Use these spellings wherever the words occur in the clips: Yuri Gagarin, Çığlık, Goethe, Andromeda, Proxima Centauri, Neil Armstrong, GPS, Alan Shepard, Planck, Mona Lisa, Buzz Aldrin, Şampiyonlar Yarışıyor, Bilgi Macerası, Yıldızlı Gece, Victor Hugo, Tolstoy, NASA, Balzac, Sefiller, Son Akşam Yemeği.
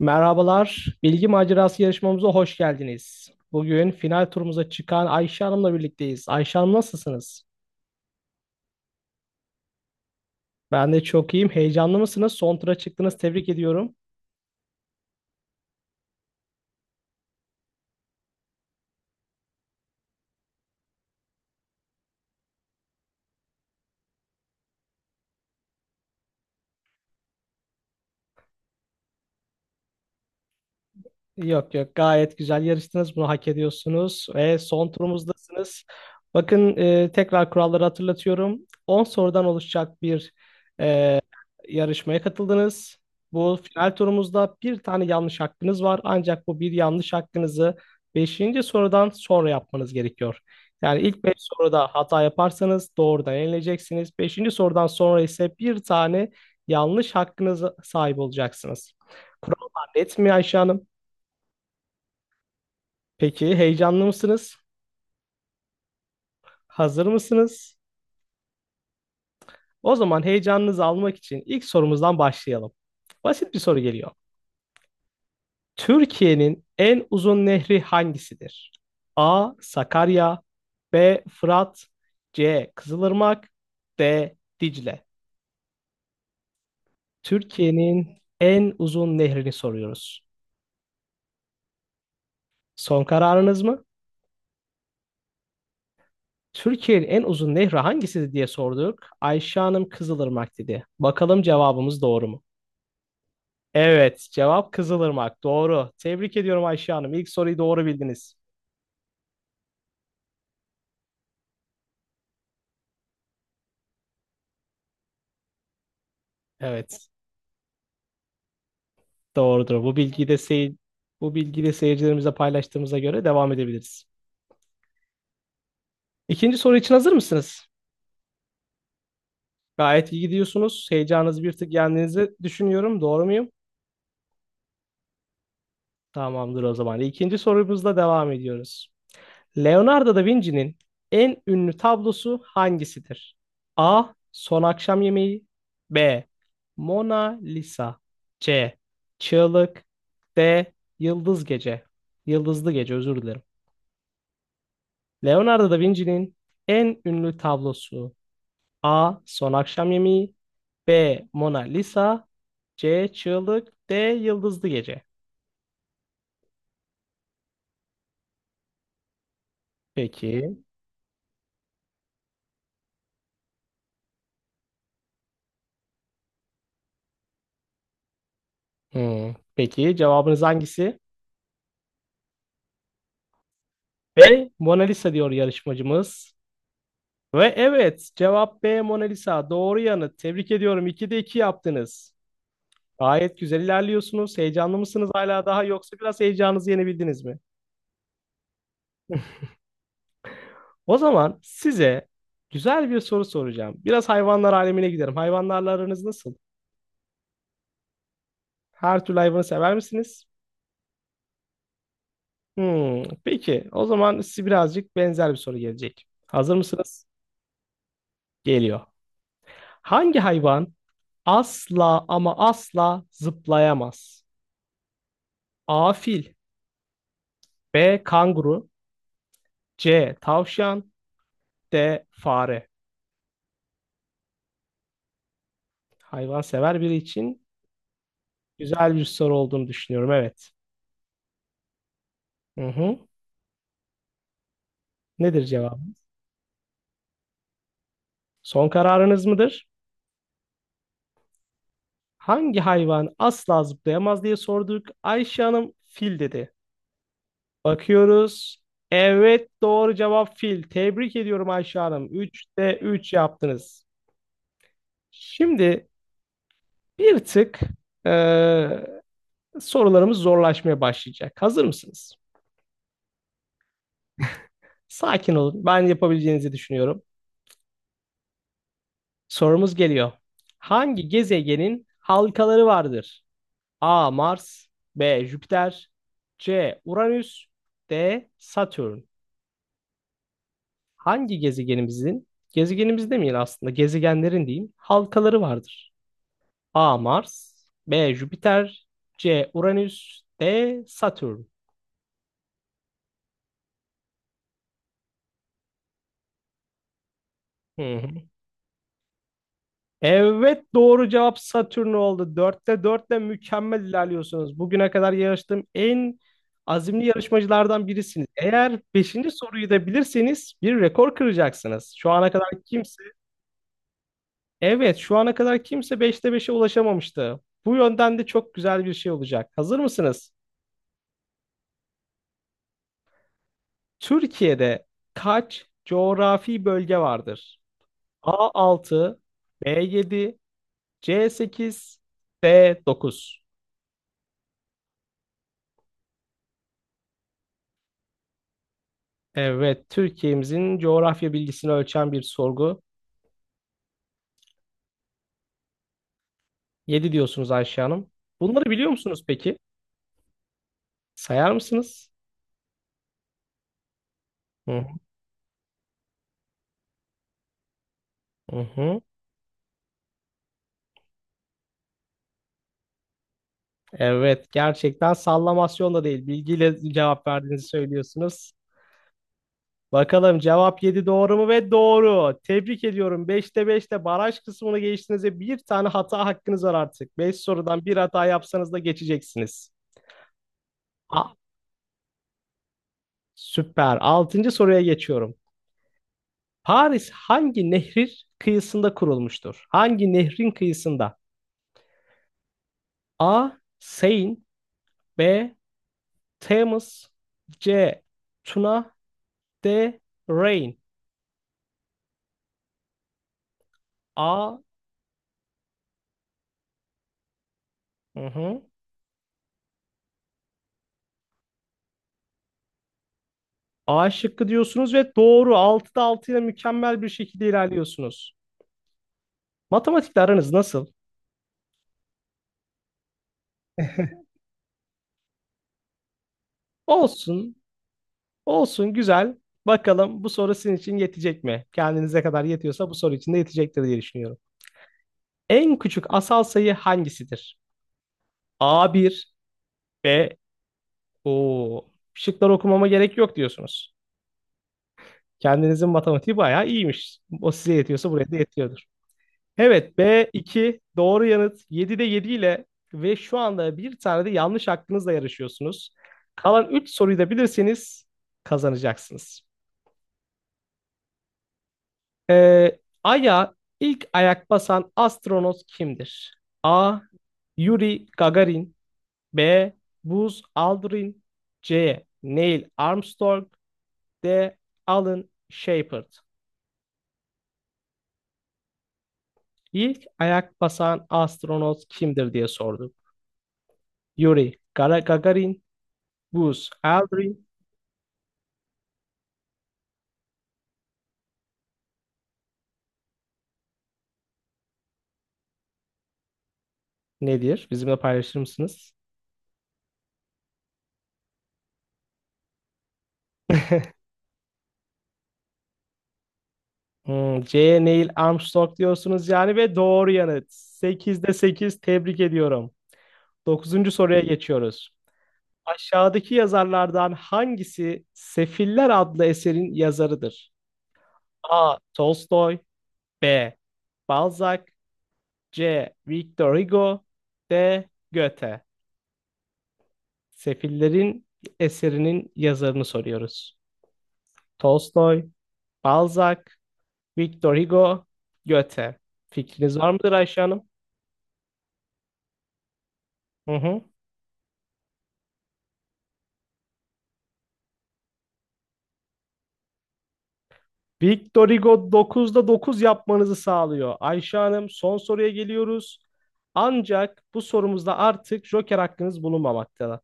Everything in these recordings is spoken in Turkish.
Merhabalar, Bilgi Macerası yarışmamıza hoş geldiniz. Bugün final turumuza çıkan Ayşe Hanım'la birlikteyiz. Ayşe Hanım nasılsınız? Ben de çok iyiyim. Heyecanlı mısınız? Son tura çıktınız. Tebrik ediyorum. Yok yok, gayet güzel yarıştınız. Bunu hak ediyorsunuz ve son turumuzdasınız. Bakın, tekrar kuralları hatırlatıyorum. 10 sorudan oluşacak bir e, yarışmaya katıldınız. Bu final turumuzda bir tane yanlış hakkınız var. Ancak bu bir yanlış hakkınızı beşinci sorudan sonra yapmanız gerekiyor. Yani ilk 5 soruda hata yaparsanız doğrudan eleneceksiniz. Beşinci sorudan sonra ise bir tane yanlış hakkınıza sahip olacaksınız. Kurallar net mi Ayşe Hanım? Peki heyecanlı mısınız? Hazır mısınız? O zaman heyecanınızı almak için ilk sorumuzdan başlayalım. Basit bir soru geliyor. Türkiye'nin en uzun nehri hangisidir? A. Sakarya, B. Fırat, C. Kızılırmak, D. Dicle. Türkiye'nin en uzun nehrini soruyoruz. Son kararınız mı? Türkiye'nin en uzun nehri hangisidir diye sorduk. Ayşe Hanım Kızılırmak dedi. Bakalım cevabımız doğru mu? Evet, cevap Kızılırmak. Doğru. Tebrik ediyorum Ayşe Hanım. İlk soruyu doğru bildiniz. Evet. Doğrudur. Bu bilgiyi de seyircilerimize paylaştığımıza göre devam edebiliriz. İkinci soru için hazır mısınız? Gayet iyi gidiyorsunuz. Heyecanınızı bir tık yendiğinizi düşünüyorum. Doğru muyum? Tamamdır o zaman. İkinci sorumuzla devam ediyoruz. Leonardo da Vinci'nin en ünlü tablosu hangisidir? A. Son Akşam Yemeği, B. Mona Lisa, C. Çığlık, D. Yıldız Gece Yıldızlı Gece. Özür dilerim. Leonardo da Vinci'nin en ünlü tablosu, A. Son Akşam Yemeği, B. Mona Lisa, C. Çığlık, D. Yıldızlı Gece. Peki. Hmm. Peki cevabınız hangisi? B. Mona Lisa diyor yarışmacımız. Ve evet, cevap B. Mona Lisa. Doğru yanıt. Tebrik ediyorum. 2'de 2 yaptınız. Gayet güzel ilerliyorsunuz. Heyecanlı mısınız hala daha, yoksa biraz heyecanınızı yenebildiniz mi? O zaman size güzel bir soru soracağım. Biraz hayvanlar alemine giderim. Hayvanlarla aranız nasıl? Her türlü hayvanı sever misiniz? Hmm, peki, o zaman size birazcık benzer bir soru gelecek. Hazır mısınız? Geliyor. Hangi hayvan asla ama asla zıplayamaz? A. Fil, B. Kanguru, C. Tavşan, D. Fare. Hayvan sever biri için güzel bir soru olduğunu düşünüyorum. Evet. Hı hı. Nedir cevabı? Son kararınız mıdır? Hangi hayvan asla zıplayamaz diye sorduk. Ayşe Hanım fil dedi. Bakıyoruz. Evet, doğru cevap fil. Tebrik ediyorum Ayşe Hanım. 3'te 3 yaptınız. Şimdi bir tık eee, sorularımız zorlaşmaya başlayacak. Hazır mısınız? Sakin olun. Ben yapabileceğinizi düşünüyorum. Sorumuz geliyor. Hangi gezegenin halkaları vardır? A. Mars, B. Jüpiter, C. Uranüs, D. Satürn. Hangi gezegenimizin, gezegenimiz demeyelim aslında, gezegenlerin diyeyim, halkaları vardır? A. Mars, B. Jüpiter, C. Uranüs, D. Satürn. Hı hı. Evet, doğru cevap Satürn oldu. Dörtte dörtle mükemmel ilerliyorsunuz. Bugüne kadar yarıştığım en azimli yarışmacılardan birisiniz. Eğer beşinci soruyu da bilirseniz bir rekor kıracaksınız. Şu ana kadar kimse, evet şu ana kadar kimse beşte beşe ulaşamamıştı. Bu yönden de çok güzel bir şey olacak. Hazır mısınız? Türkiye'de kaç coğrafi bölge vardır? A. altı, B. yedi, C. sekiz, D. dokuz. Evet, Türkiye'mizin coğrafya bilgisini ölçen bir sorgu. Yedi diyorsunuz Ayşe Hanım. Bunları biliyor musunuz peki? Sayar mısınız? Hı hı. Hı. Evet, gerçekten sallamasyon da değil. Bilgiyle cevap verdiğinizi söylüyorsunuz. Bakalım cevap 7 doğru mu? Ve doğru. Tebrik ediyorum. Beşte beşte baraj kısmını geçtiniz, bir tane hata hakkınız var artık. 5 sorudan bir hata yapsanız da geçeceksiniz. A, süper. Altıncı soruya geçiyorum. Paris hangi nehrin kıyısında kurulmuştur? Hangi nehrin kıyısında? A. Seine, B. Thames, C. Tuna, D. Rhine. A. Hı hı. A şıkkı diyorsunuz ve doğru. Altıda 6 ile mükemmel bir şekilde ilerliyorsunuz. Matematikle aranız nasıl? Olsun, olsun, güzel. Bakalım bu soru sizin için yetecek mi? Kendinize kadar yetiyorsa bu soru için de yetecektir diye düşünüyorum. En küçük asal sayı hangisidir? A. bir, B. o şıkları okumama gerek yok diyorsunuz. Kendinizin matematiği bayağı iyiymiş. O size yetiyorsa buraya da yetiyordur. Evet, B, iki, doğru yanıt. 7'de 7 ile ve şu anda bir tane de yanlış hakkınızla yarışıyorsunuz. Kalan 3 soruyu da bilirseniz kazanacaksınız. Ee, Ay'a ilk ayak basan astronot kimdir? A. Yuri Gagarin, B. Buzz Aldrin, C. Neil Armstrong, D. Alan Shepard. İlk ayak basan astronot kimdir diye sorduk. Gagarin, Buzz Aldrin. Nedir? Bizimle paylaşır mısınız? Hmm, C. Neil Armstrong diyorsunuz yani, ve doğru yanıt. 8'de sekiz, tebrik ediyorum. Dokuzuncu soruya geçiyoruz. Aşağıdaki yazarlardan hangisi Sefiller adlı eserin yazarıdır? A. Tolstoy, B. Balzac, C. Victor Hugo, D. Goethe. Sefillerin eserinin yazarını soruyoruz. Tolstoy, Balzac, Victor Hugo, Goethe. Fikriniz var mıdır Ayşe Hanım? Hı hı. Victorigo 9'da 9 yapmanızı sağlıyor. Ayşe Hanım, son soruya geliyoruz. Ancak bu sorumuzda artık Joker hakkınız bulunmamaktadır.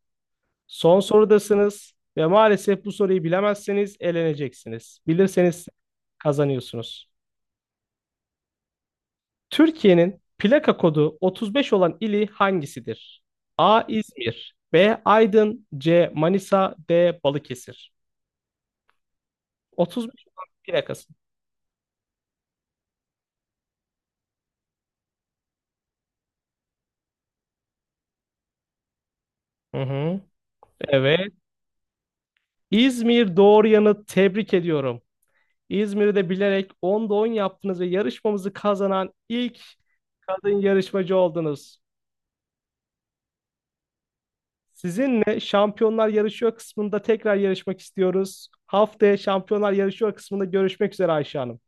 Son sorudasınız ve maalesef bu soruyu bilemezseniz eleneceksiniz. Bilirseniz kazanıyorsunuz. Türkiye'nin plaka kodu 35 olan ili hangisidir? A. İzmir, B. Aydın, C. Manisa, D. Balıkesir. 35 olan plakası. Hı hı. Evet. İzmir doğru yanıt, tebrik ediyorum. İzmir'i de bilerek 10'da 10 yaptınız ve yarışmamızı kazanan ilk kadın yarışmacı oldunuz. Sizinle Şampiyonlar Yarışıyor kısmında tekrar yarışmak istiyoruz. Haftaya Şampiyonlar Yarışıyor kısmında görüşmek üzere Ayşe Hanım.